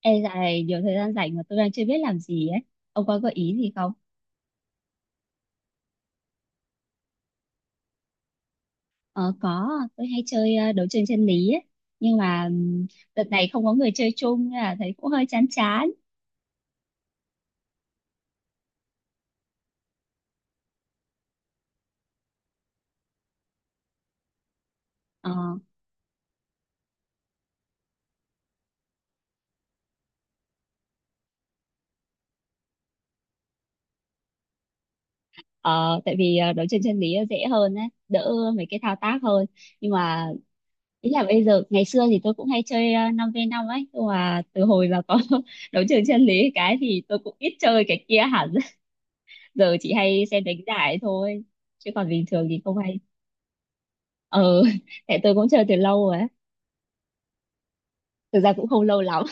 Ê dạo này nhiều thời gian rảnh mà tôi đang chưa biết làm gì ấy. Ông có gợi ý gì không? Ờ có, tôi hay chơi đấu trường chân lý ấy. Nhưng mà đợt này không có người chơi chung nên là thấy cũng hơi chán chán. Ờ, ờ. Tại vì đấu trường chân lý dễ hơn ấy, đỡ mấy cái thao tác hơn. Nhưng mà ý là bây giờ ngày xưa thì tôi cũng hay chơi 5v5 ấy, nhưng mà từ hồi mà có đấu trường chân lý cái thì tôi cũng ít chơi cái kia hẳn. Giờ chỉ hay xem đánh giải thôi. Chứ còn bình thường thì không hay. Ừ. Tại tôi cũng chơi từ lâu rồi á. Thực ra cũng không lâu lắm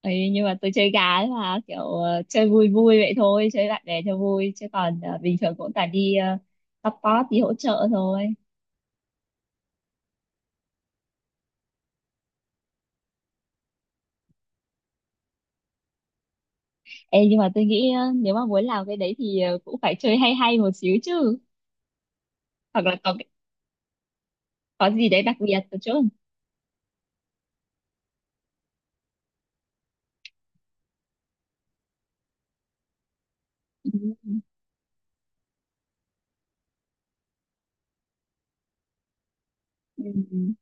ấy, nhưng mà tôi chơi gà ấy mà kiểu chơi vui vui vậy thôi, chơi bạn bè cho vui, chứ còn bình thường cũng toàn đi support đi hỗ trợ thôi. Ê, nhưng mà tôi nghĩ nếu mà muốn làm cái đấy thì cũng phải chơi hay hay một xíu chứ, hoặc là có gì đấy đặc biệt một chút. Ừ. Ừ.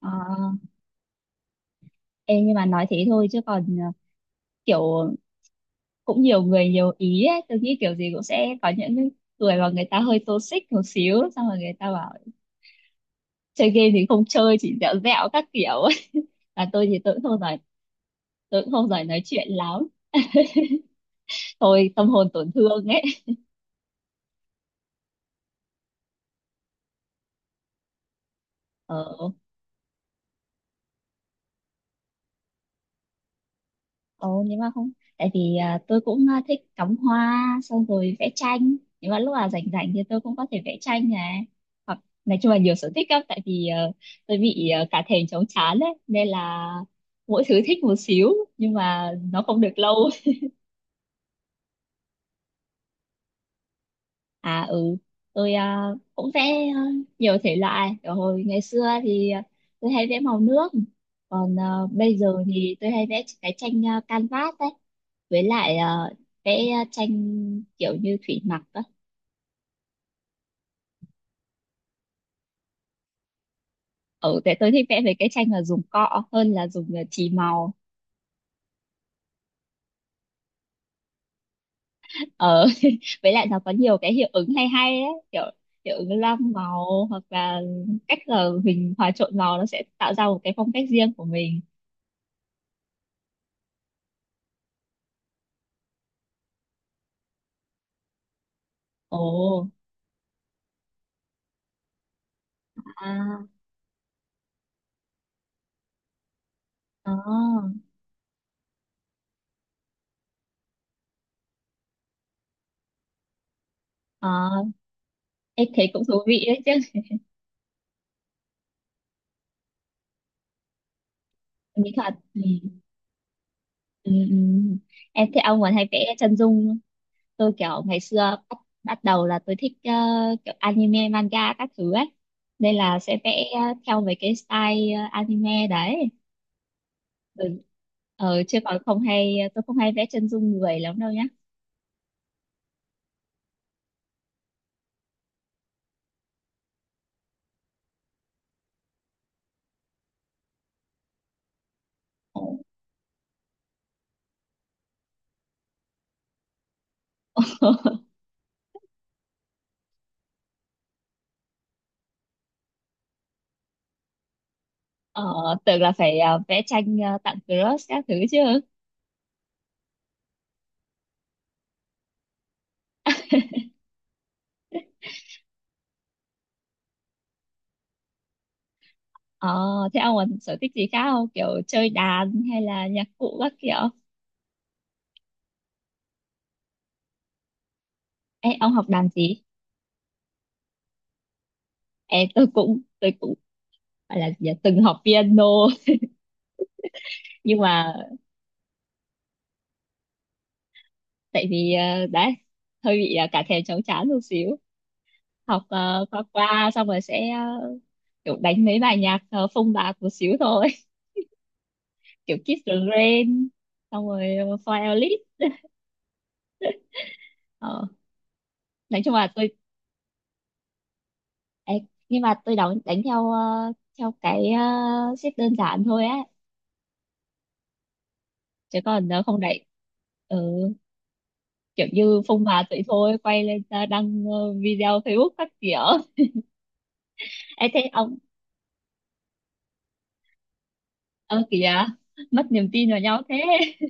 Ờ. Ê, nhưng mà nói thế thôi chứ còn kiểu cũng nhiều người nhiều ý ấy. Tôi nghĩ kiểu gì cũng sẽ có những người mà người ta hơi toxic một xíu, xong rồi người ta bảo chơi game thì không chơi, chỉ dẻo dẻo các kiểu. Là tôi thì tôi cũng không giỏi, tôi cũng không giỏi nói chuyện lắm, thôi tâm hồn tổn thương ấy. Ờ. Ồ, nhưng mà không. Tại vì tôi cũng thích cắm hoa xong rồi vẽ tranh, nhưng mà lúc nào rảnh rảnh thì tôi cũng có thể vẽ tranh này, hoặc nói chung là nhiều sở thích lắm. Tại vì tôi bị cả thèm chóng chán đấy nên là mỗi thứ thích một xíu, nhưng mà nó không được lâu. À ừ, tôi cũng vẽ ờ, nhiều thể loại. Kiểu hồi ngày xưa thì tôi hay vẽ màu nước, còn bây giờ thì tôi hay vẽ cái tranh canvas đấy, với lại vẽ tranh kiểu như thủy mặc á. Ừ, tại tôi thích vẽ về cái tranh là dùng cọ hơn là dùng chì màu. Ờ. Với lại nó có nhiều cái hiệu ứng hay hay ấy, kiểu hiệu ứng lam màu hoặc là cách là mình hòa trộn màu nó sẽ tạo ra một cái phong cách riêng của mình. Ồ. À. Ờ. ờ, em thấy cũng thú vị đấy chứ. Mỹ thuật. Ừ, ừ, ừ. Em thấy ông còn hay vẽ chân dung không? Tôi kiểu ngày xưa bắt, bắt đầu là tôi thích kiểu anime, manga các thứ ấy. Nên là sẽ vẽ theo mấy cái style anime đấy. Ừ. Ờ, chứ còn không hay, tôi không hay vẽ chân dung người lắm đâu nhá. Ồ. Ờ, tưởng là phải vẽ tranh tặng crush các thứ chứ. Ờ, thế ông còn sở thích gì khác không? Kiểu chơi đàn hay là nhạc cụ các kiểu? Ê, ông học đàn gì? Ê, tôi cũng phải là gì nhỉ? Từng học piano. Nhưng mà tại vì đấy hơi bị cả thèm cháu chán một xíu, học qua qua xong rồi sẽ kiểu đánh mấy bài nhạc phông bạt một xíu thôi, kiểu Kiss the Rain, xong rồi Fire Elite. Ờ, nói chung là tôi. Ê, nhưng mà tôi đánh đánh theo theo cái xếp đơn giản thôi á, chứ còn không đánh. Ừ, kiểu như phông má vậy thôi, quay lên ra đăng video Facebook các kiểu. Ê thế ông, ơ kìa, mất niềm tin vào nhau thế.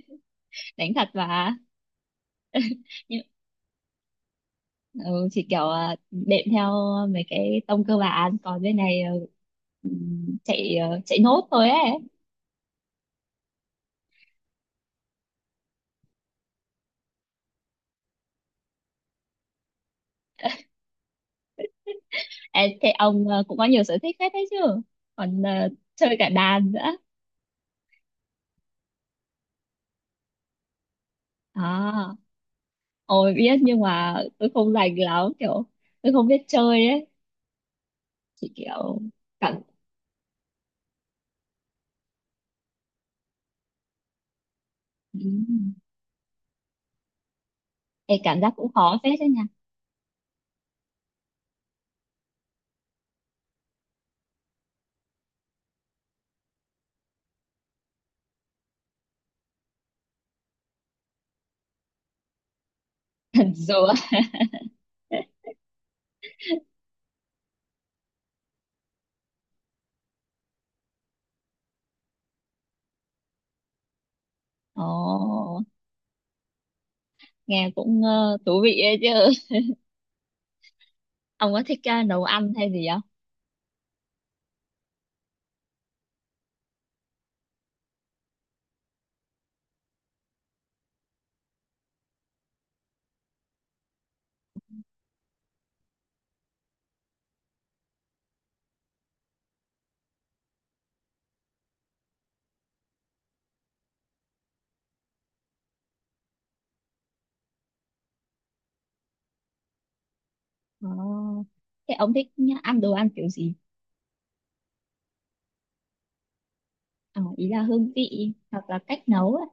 Đánh thật mà. Nhưng ừ, chỉ kiểu đệm theo mấy cái tông cơ bản, còn bên này chạy nốt thôi ấy. Ê, thế ông cũng có nhiều sở thích hết đấy chứ, còn chơi cả đàn nữa. À, ôi biết nhưng mà tôi không rành lắm, kiểu tôi không biết chơi ấy, chỉ kiểu cảm. Ừm. Ê, cảm giác cũng khó phết đấy nha. Hình rùa. Ồ, nghe cũng thú vị ấy chứ. Ông có thích nấu ăn hay gì không? Ồ, thế ông thích ăn đồ ăn kiểu gì? Ờ, ý là hương vị hoặc là cách nấu ấy.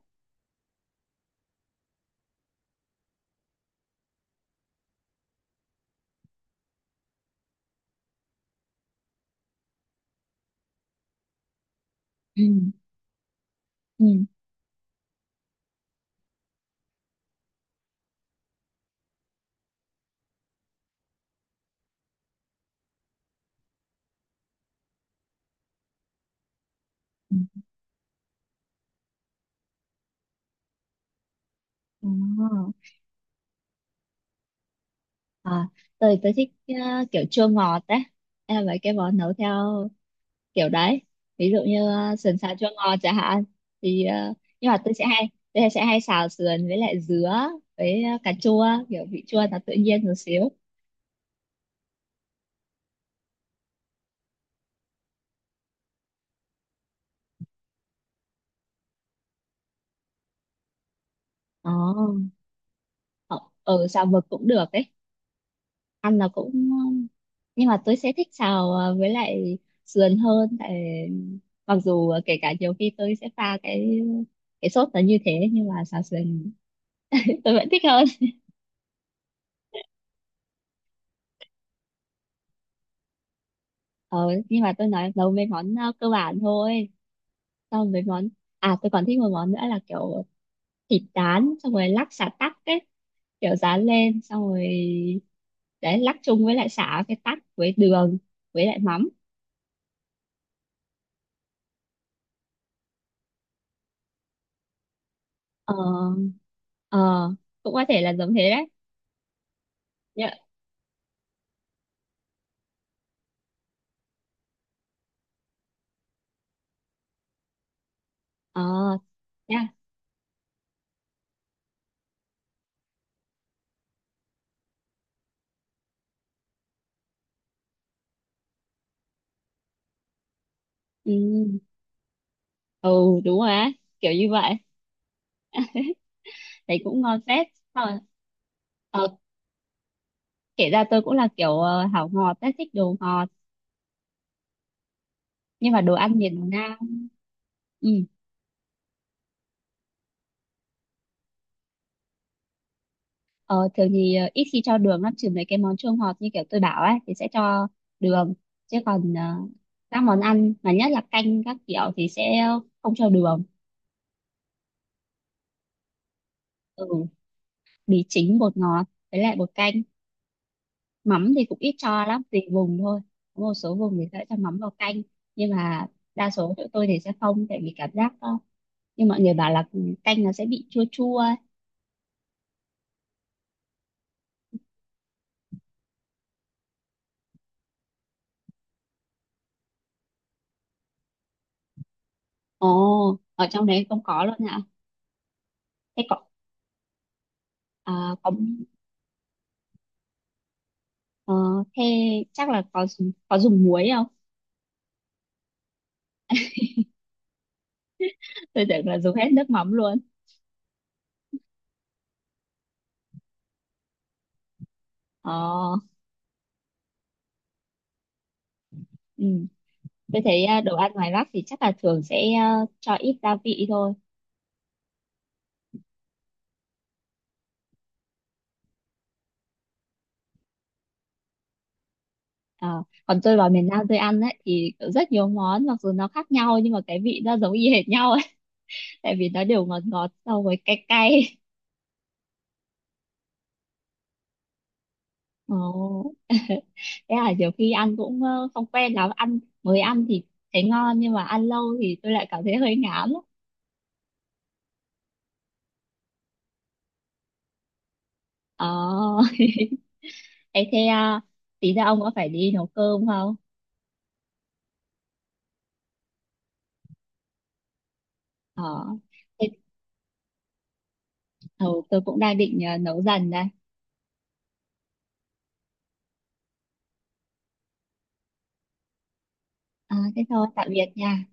Ừ, ừ, ừ. Ồ, à, tôi thích kiểu chua ngọt đấy. Em mấy cái món nấu theo kiểu đấy. Ví dụ như sườn xào chua ngọt chẳng hạn. Thì, nhưng mà tôi sẽ hay xào sườn với lại dứa với cà chua, kiểu vị chua nó tự nhiên một xíu. Ồ. Ờ, ừ, xào mực cũng được ấy, ăn là cũng, nhưng mà tôi sẽ thích xào với lại sườn hơn, tại mặc dù kể cả nhiều khi tôi sẽ pha cái sốt nó như thế, nhưng mà xào sườn tôi vẫn thích hơn. ờ, nhưng mà tôi nói nấu mấy món cơ bản thôi, xong mấy món. À, tôi còn thích một món nữa là kiểu thịt rán xong rồi lắc xả tắc ấy, kiểu rán lên xong rồi đấy lắc chung với lại xả cái tắc với đường với lại mắm. Ờ. Ờ. Cũng có thể là giống thế đấy nhá. Ờ. Nha. Ừ. Ừ. Đúng rồi á, kiểu như vậy, thấy cũng ngon phết. Ờ. Ờ. Kể ra tôi cũng là kiểu hảo ngọt ấy, thích đồ ngọt, nhưng mà đồ ăn miền Nam. Ừ. ờ, Thường thì ít khi cho đường lắm, trừ mấy cái món chua ngọt như kiểu tôi bảo ấy thì sẽ cho đường, chứ còn các món ăn mà nhất là canh các kiểu thì sẽ không cho đường. Ừ, mì chính bột ngọt với lại bột canh, mắm thì cũng ít cho lắm, tùy vùng thôi. Có một số vùng thì sẽ cho mắm vào canh, nhưng mà đa số tụi tôi thì sẽ không, tại vì cảm giác như mọi người bảo là canh nó sẽ bị chua chua ấy. Ồ, ở trong đấy không có luôn hả? Thế có. À, có. Ờ, thế chắc là có. Có dùng muối không? Tôi tưởng là dùng hết nước mắm luôn. Ờ. Ừ. Tôi thấy đồ ăn ngoài Bắc thì chắc là thường sẽ cho ít gia vị thôi. Ờ, còn tôi vào miền Nam tôi ăn ấy thì rất nhiều món, mặc dù nó khác nhau nhưng mà cái vị nó giống y hệt nhau, tại vì nó đều ngọt ngọt so với cay cay. Ồ. Thế là nhiều khi ăn cũng không quen lắm, ăn mới ăn thì thấy ngon nhưng mà ăn lâu thì tôi lại cảm thấy hơi ngán á. Ờ. thế thế à, tí nữa ông có phải đi nấu cơm không? Ờ. Thế, ừ, tôi cũng đang định nấu dần đây. À, thế thôi tạm biệt nha.